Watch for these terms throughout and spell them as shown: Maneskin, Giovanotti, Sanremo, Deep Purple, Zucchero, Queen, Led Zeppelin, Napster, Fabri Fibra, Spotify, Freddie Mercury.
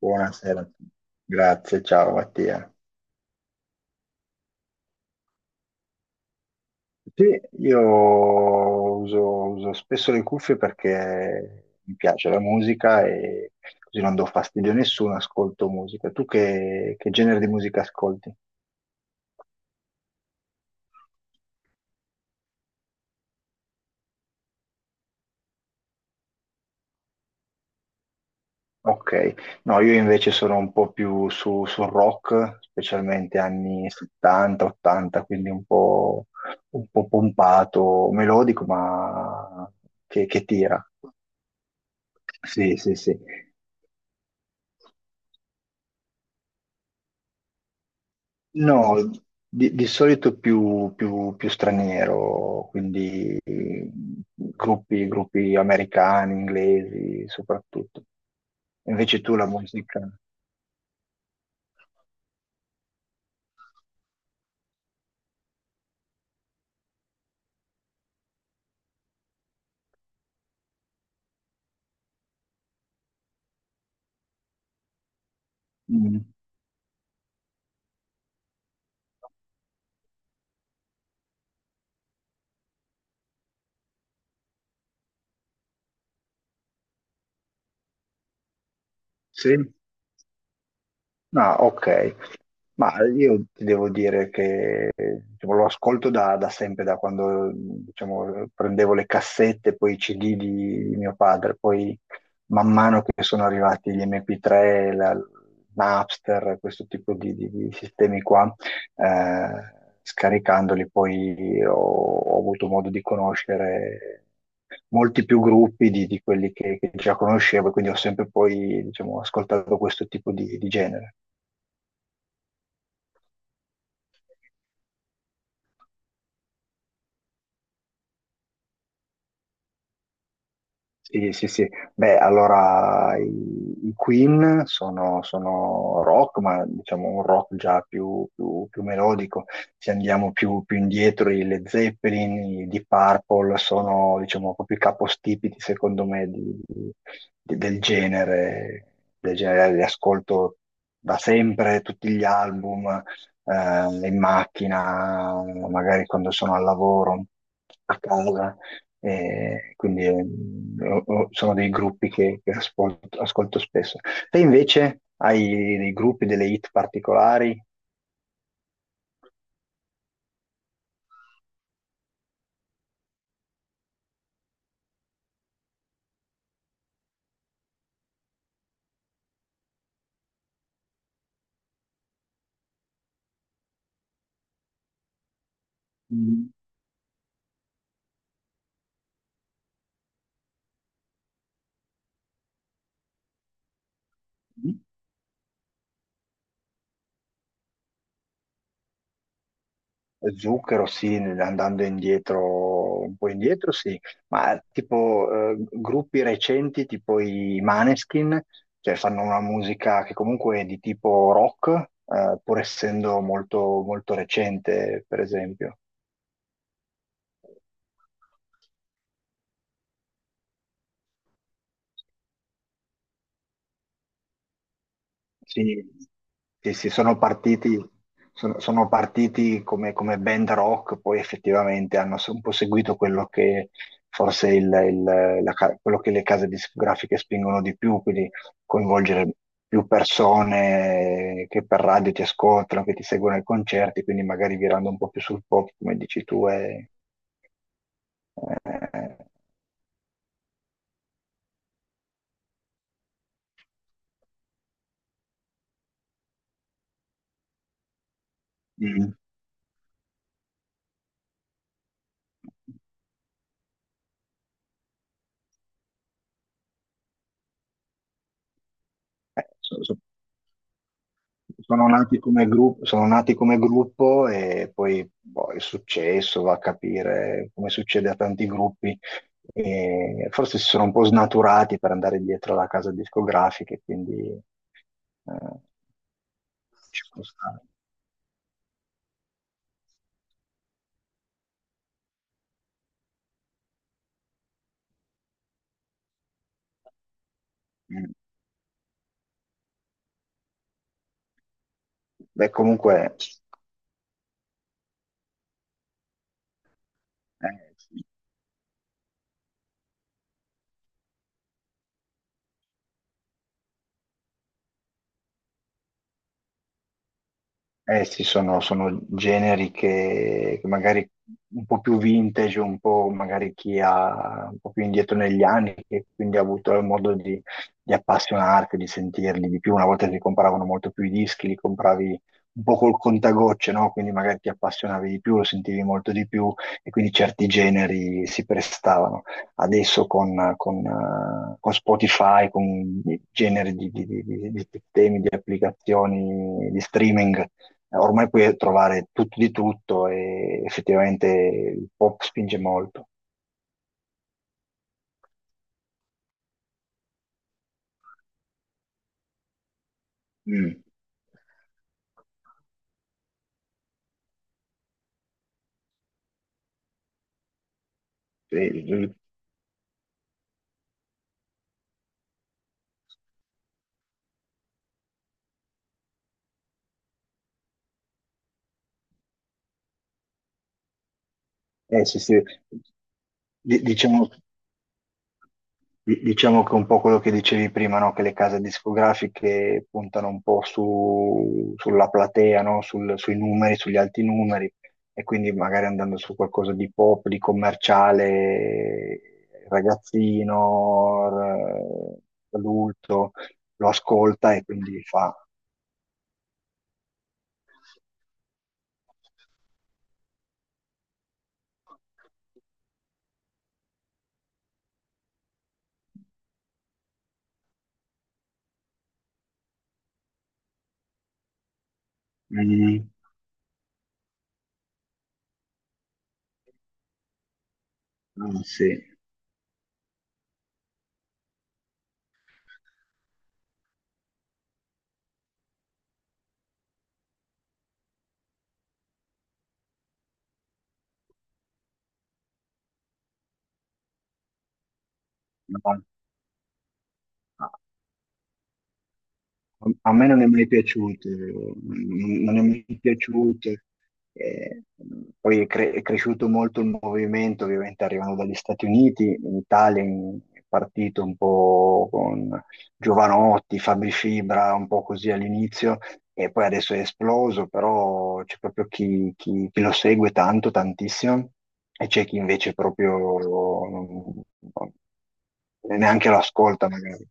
Buonasera a tutti. Grazie, ciao Mattia. Sì, io uso, uso spesso le cuffie perché mi piace la musica e così non do fastidio a nessuno, ascolto musica. Tu che genere di musica ascolti? Ok, no, io invece sono un po' più su, sul rock, specialmente anni 70, 80, quindi un po' pompato, melodico, ma che tira. Sì, sì, sì. No, di solito più, più- più straniero, quindi gruppi, gruppi americani, inglesi soprattutto. Invece tu la musica? Mm. Sì? Ah, ok. Ma io ti devo dire che diciamo, lo ascolto da, da sempre, da quando diciamo, prendevo le cassette, poi i CD di mio padre, poi man mano che sono arrivati gli MP3, la, Napster, questo tipo di, di sistemi qua, scaricandoli poi ho, ho avuto modo di conoscere molti più gruppi di quelli che già conoscevo, e quindi ho sempre poi diciamo, ascoltato questo tipo di genere. Sì, sì, sì. Beh, allora i Queen sono, sono rock, ma diciamo un rock già più, più melodico. Se andiamo più, più indietro, i Led Zeppelin, i Deep Purple sono, diciamo, proprio i capostipiti, secondo me, del genere. Del genere li ascolto da sempre, tutti gli album, in macchina, magari quando sono al lavoro, a casa. Quindi sono dei gruppi che ascolto, ascolto spesso. Te invece hai dei gruppi, delle hit particolari? Mm. Zucchero, sì, andando indietro, un po' indietro, sì, ma tipo gruppi recenti, tipo i Maneskin, cioè fanno una musica che comunque è di tipo rock, pur essendo molto, molto recente, per esempio. Sì, sì, sì, sono partiti, sono partiti come, come band rock, poi effettivamente hanno un po' seguito quello che forse quello che le case discografiche spingono di più, quindi coinvolgere più persone che per radio ti ascoltano, che ti seguono ai concerti, quindi magari virando un po' più sul pop, come dici tu, e, eh, mm. Eh, so- so- Sono nati come gruppo, sono nati come gruppo e poi boh, è successo, va a capire come succede a tanti gruppi. E forse si sono un po' snaturati per andare dietro alla casa discografica, e quindi ci può stare. Mm. Beh, comunque, eh, eh sì, sono, sono generi che magari un po' più vintage, un po' magari chi ha un po' più indietro negli anni, che quindi ha avuto il modo di appassionarsi, di sentirli di più. Una volta si compravano molto più i dischi, li compravi un po' col contagocce, no? Quindi magari ti appassionavi di più, lo sentivi molto di più e quindi certi generi si prestavano. Adesso con Spotify, con i generi di, di sistemi, di applicazioni, di streaming ormai puoi trovare tutto di tutto e effettivamente il pop spinge molto. Mm. Eh, sì, sì. Diciamo, diciamo che un po' quello che dicevi prima, no? Che le case discografiche puntano un po' sulla platea, no? Sui numeri, sugli alti numeri, e quindi magari andando su qualcosa di pop, di commerciale, ragazzino, adulto, lo ascolta e quindi fa mm, ah, sì, no, no. A me non è mai piaciuto, non è mai piaciuto. Eh, poi è cresciuto molto il movimento, ovviamente arrivando dagli Stati Uniti, in Italia è partito un po' con Giovanotti, Fabri Fibra, un po' così all'inizio, e poi adesso è esploso, però c'è proprio chi, chi lo segue tanto, tantissimo, e c'è chi invece proprio non- non- neanche lo ascolta magari.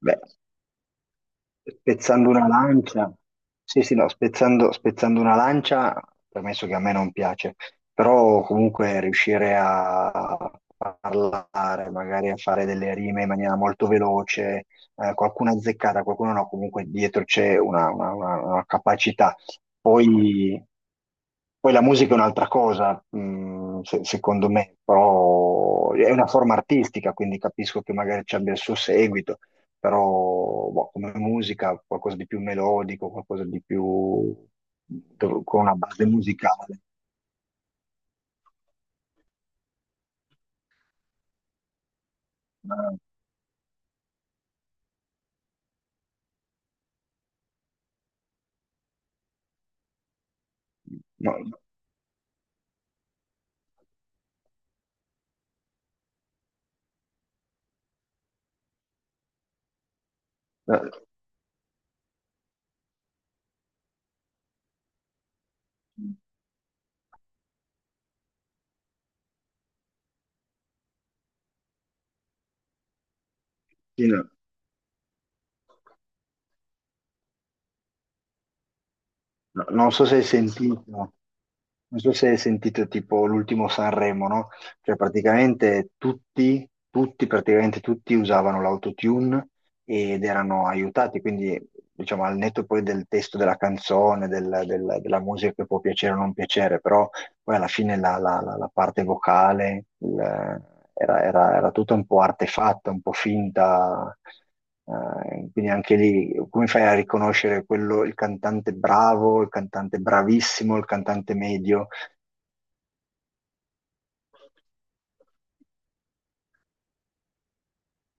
Beh, spezzando una lancia, sì, sì, no, spezzando, spezzando una lancia, permesso che a me non piace, però comunque riuscire a parlare, magari a fare delle rime in maniera molto veloce, qualcuno azzeccata, qualcuno no, comunque dietro c'è una, una capacità. Poi, poi la musica è un'altra cosa, secondo me, però è una forma artistica, quindi capisco che magari ci abbia il suo seguito però boh, come musica qualcosa di più melodico, qualcosa di più con una base musicale. Ma- ma- eh, sì, no, no, non so se hai sentito, non so se hai sentito tipo l'ultimo Sanremo, no? Cioè praticamente tutti, tutti, praticamente tutti usavano l'autotune ed erano aiutati, quindi diciamo al netto poi del testo della canzone, della musica che può piacere o non piacere, però poi alla fine la parte vocale era, era tutta un po' artefatta, un po' finta, quindi anche lì come fai a riconoscere quello, il cantante bravo, il cantante bravissimo, il cantante medio?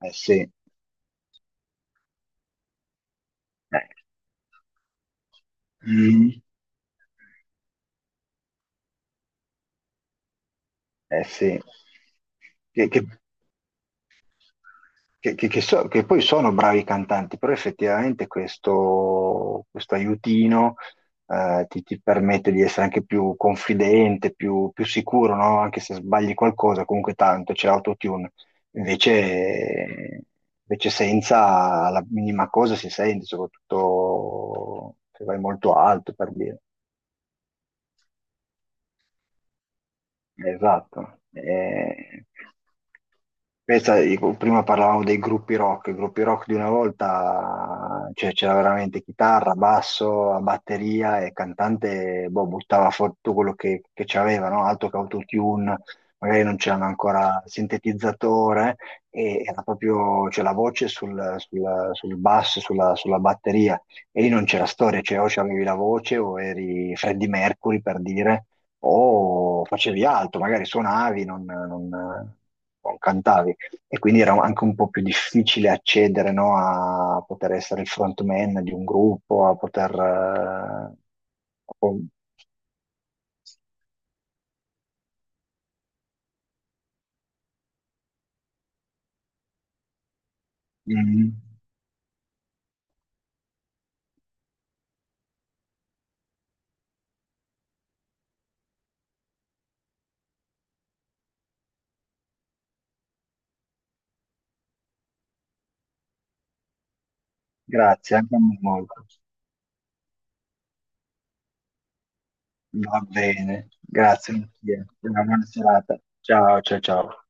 Eh sì, mm, eh sì. Che, che- che poi sono bravi cantanti, però effettivamente questo, questo aiutino ti, ti permette di essere anche più confidente, più, più sicuro, no? Anche se sbagli qualcosa, comunque tanto c'è l'autotune. Invece, invece senza la minima cosa si sente, soprattutto se vai molto alto, per dire. Esatto. Questa, dico, prima parlavamo dei gruppi rock, i gruppi rock di una volta, cioè, c'era veramente chitarra, basso, batteria e il cantante, boh, buttava fuori tutto quello che c'aveva, no? Altro che autotune, magari non c'erano ancora sintetizzatore e era proprio, cioè, la voce sul, sul basso, sulla, sulla batteria e lì non c'era storia, cioè o c'avevi la voce o eri Freddie Mercury per dire o facevi altro, magari suonavi, non cantavi. E quindi era anche un po' più difficile accedere, no, a poter essere il frontman di un gruppo, a poter... mm, grazie, anche a me molto. Va bene, grazie, Mattia. Una buona serata. Ciao, ciao, ciao.